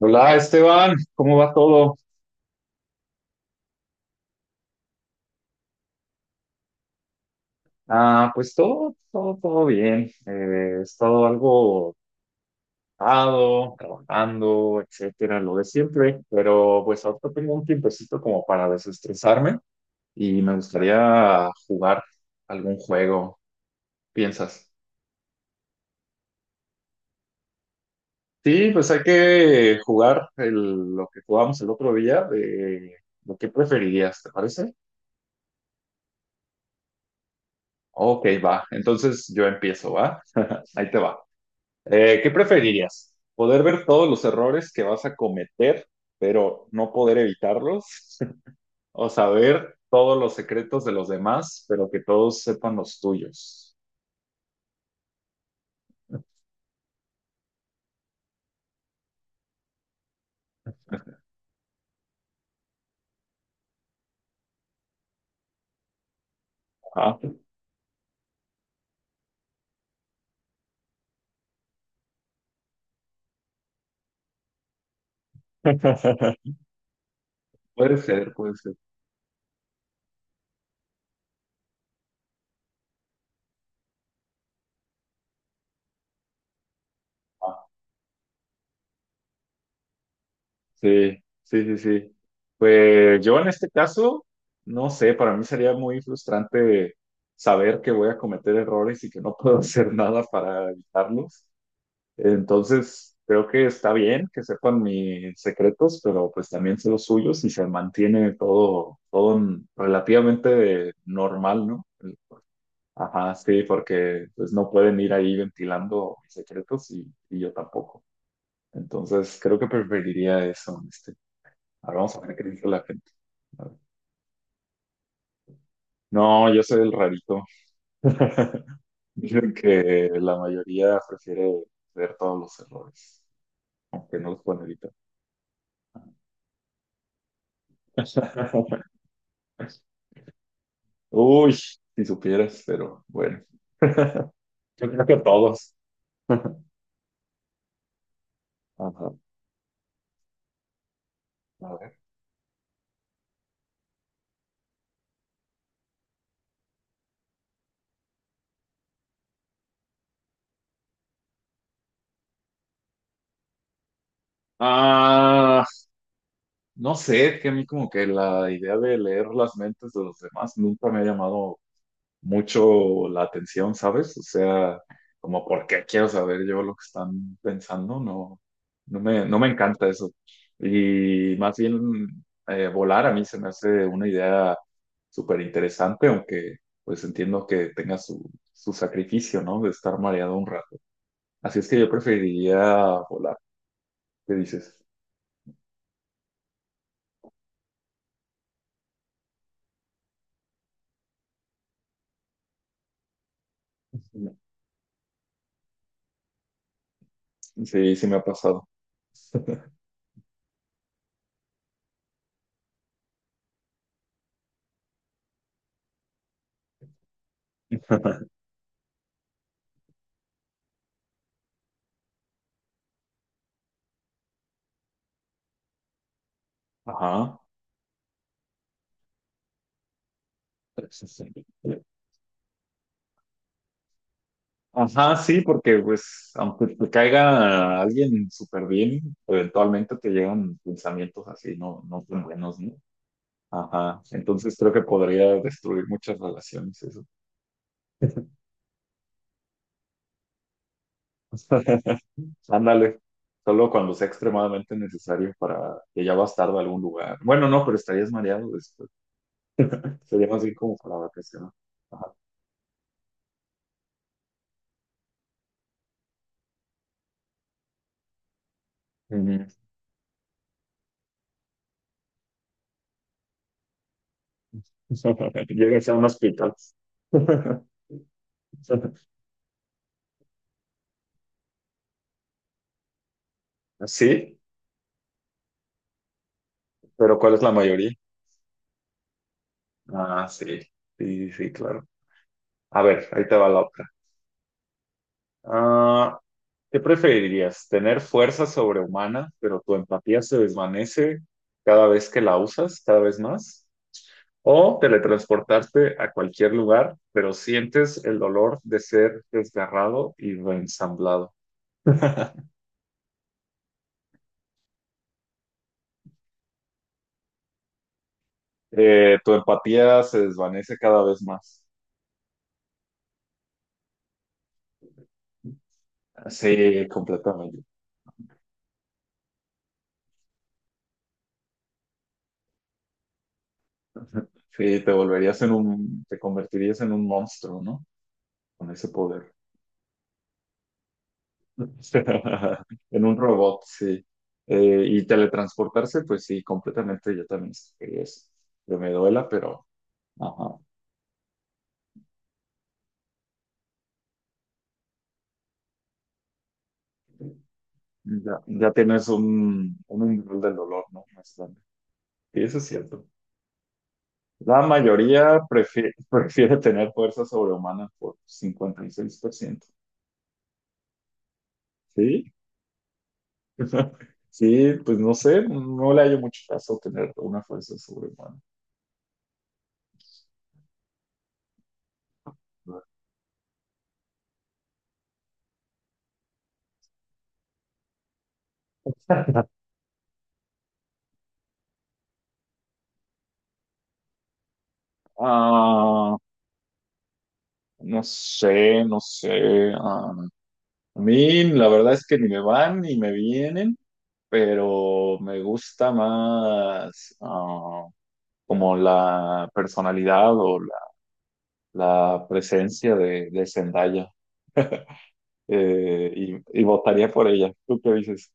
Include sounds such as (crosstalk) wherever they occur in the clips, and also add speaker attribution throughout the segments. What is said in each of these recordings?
Speaker 1: Hola Esteban, ¿cómo va todo? Pues todo bien. He estado algo ocupado, trabajando, etcétera, lo de siempre, pero pues ahorita tengo un tiempecito como para desestresarme y me gustaría jugar algún juego, ¿piensas? Sí, pues hay que jugar lo que jugamos el otro día de lo que preferirías, ¿te parece? Ok, va. Entonces yo empiezo, ¿va? Ahí te va. ¿Qué preferirías? ¿Poder ver todos los errores que vas a cometer, pero no poder evitarlos? (laughs) ¿O saber todos los secretos de los demás, pero que todos sepan los tuyos? Ah. (laughs) Puede ser, puede ser. Ah, sí, sí, sí, sí. Pues yo en este caso, no sé, para mí sería muy frustrante saber que voy a cometer errores y que no puedo (laughs) hacer nada para evitarlos. Entonces, creo que está bien que sepan mis secretos, pero pues también sé los suyos y se mantiene todo, relativamente normal, ¿no? Ajá, sí, porque pues no pueden ir ahí ventilando mis secretos y yo tampoco. Entonces, creo que preferiría eso, este. Ahora vamos a ver qué dice la gente. A ver. No, yo soy el rarito. (laughs) Dicen que la mayoría prefiere ver todos los errores, aunque no los pueden evitar. (laughs) Uy, si supieras, pero bueno. Yo creo que todos. (laughs) Ajá, a ver. Ah, no sé, que a mí como que la idea de leer las mentes de los demás nunca me ha llamado mucho la atención, ¿sabes? O sea, como por qué quiero saber yo lo que están pensando, no, no me encanta eso. Y más bien volar a mí se me hace una idea súper interesante, aunque pues entiendo que tenga su, su sacrificio, ¿no? De estar mareado un rato. Así es que yo preferiría volar. ¿Qué dices? Sí, sí me ha pasado. (laughs) Ajá. Ajá, sí, porque pues aunque te caiga alguien súper bien, eventualmente te llegan pensamientos así, no, no tan buenos, ¿no? Ajá, entonces creo que podría destruir muchas relaciones eso. (laughs) Ándale, solo cuando sea extremadamente necesario para que ya vas tarde a algún lugar. Bueno, no, pero estarías mareado después. Sería más bien como para vacacionar. Ajá. Ujú. (laughs) Llegas a un hospital. (laughs) Sí, pero ¿cuál es la mayoría? Ah, sí, sí, sí, sí, claro. A ver, ahí te va la otra. Ah, ¿Qué preferirías? ¿Tener fuerza sobrehumana, pero tu empatía se desvanece cada vez que la usas, cada vez más? ¿O teletransportarte a cualquier lugar, pero sientes el dolor de ser desgarrado y reensamblado? Tu empatía se desvanece cada vez más. Sí, completamente. (laughs) Sí, te convertirías en un monstruo, ¿no? Con ese poder. (laughs) En un robot, sí. Y teletransportarse, pues sí, completamente. Yo también quería eso. Que me duela, pero ajá, ya, ya tienes un nivel del dolor, ¿no? Más grande. Sí, eso es cierto. La mayoría (laughs) prefiere, tener fuerza sobrehumana por 56%. Sí, (laughs) sí, pues no sé, no le hallo mucho caso tener una fuerza sobrehumana. Ah, no sé, no sé. A mí la verdad es que ni me van ni me vienen, pero me gusta más como la personalidad o la presencia de Zendaya eh, y votaría por ella. ¿Tú qué dices?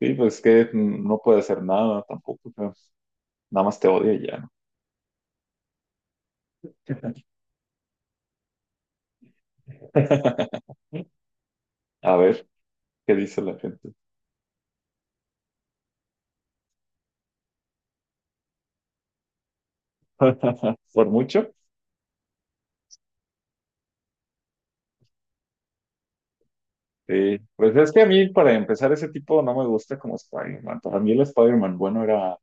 Speaker 1: Sí, pues que no puede hacer nada tampoco, pero nada más te odia y ya, ¿no? (laughs) A ver, ¿qué dice la gente? (laughs) ¿Por mucho? Sí, pues es que a mí para empezar ese tipo no me gusta como Spider-Man. Para mí el Spider-Man bueno era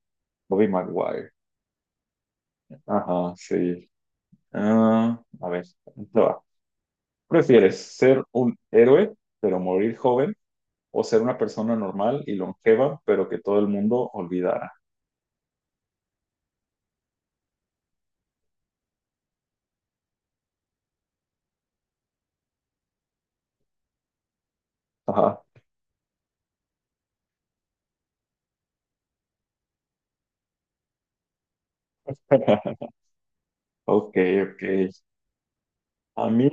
Speaker 1: Bobby Maguire. Ajá, sí. A ver, esto va. ¿Prefieres ser un héroe, pero morir joven, o ser una persona normal y longeva, pero que todo el mundo olvidara? Ajá. (laughs) Ok, ok. A mí,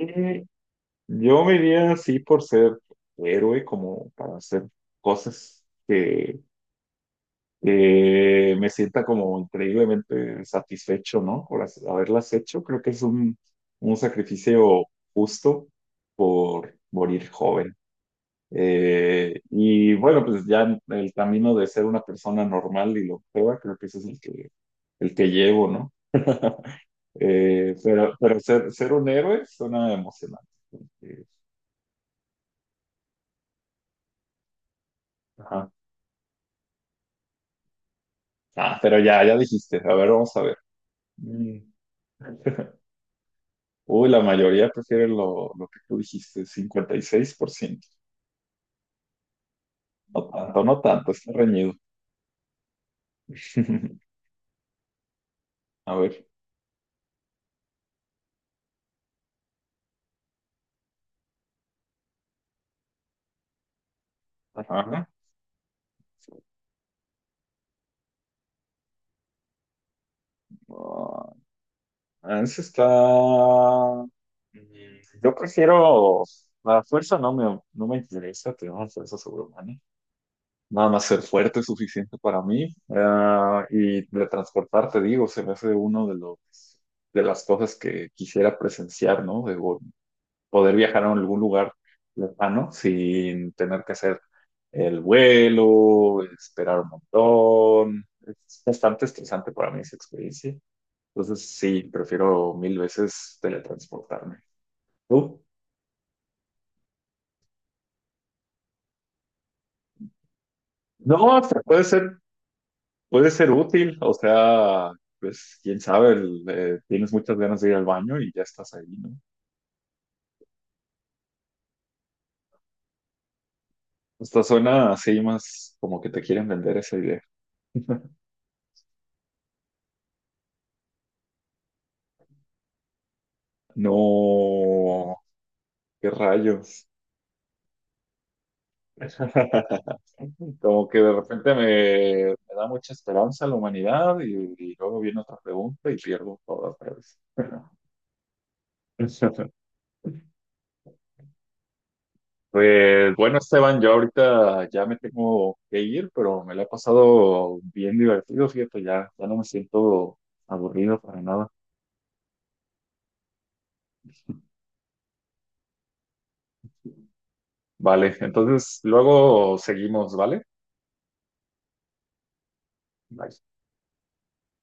Speaker 1: yo me iría así por ser héroe, como para hacer cosas que me sienta como increíblemente satisfecho, ¿no? Por haberlas hecho. Creo que es un sacrificio justo por morir joven. Y bueno, pues ya en el camino de ser una persona normal y lo prueba, creo que ese es el que llevo, ¿no? (laughs) Pero ser un héroe suena emocionante. Eh, ajá. Ah, pero ya, ya dijiste. A ver, vamos a ver. Mm. Uy, la mayoría prefiere lo que tú dijiste, 56%. No tanto, no tanto, está reñido. (laughs) A ver. Ajá. Ah, ese está... Mm, yo prefiero... La fuerza no me, no me interesa, tener una fuerza sobrehumana. Nada más ser fuerte es suficiente para mí. Ah, y de transportar, te digo, se me hace uno de los, de las cosas que quisiera presenciar, ¿no? De, poder viajar a algún lugar lejano sin tener que hacer el vuelo, esperar un montón. Es bastante estresante para mí esa experiencia. Entonces, sí, prefiero mil veces teletransportarme. ¿Tú? No, hasta puede ser útil. O sea, pues quién sabe, tienes muchas ganas de ir al baño y ya estás ahí, ¿no? Hasta suena así más como que te quieren vender esa idea. (laughs) No, qué rayos. (laughs) Como que de repente me da mucha esperanza la humanidad y luego viene otra pregunta y pierdo todo otra vez. (laughs) Pues bueno, Esteban, yo ahorita ya me tengo que ir, pero me la he pasado bien divertido, fíjate, ya, ya no me siento aburrido para nada. Vale, entonces luego seguimos, ¿vale? Bye.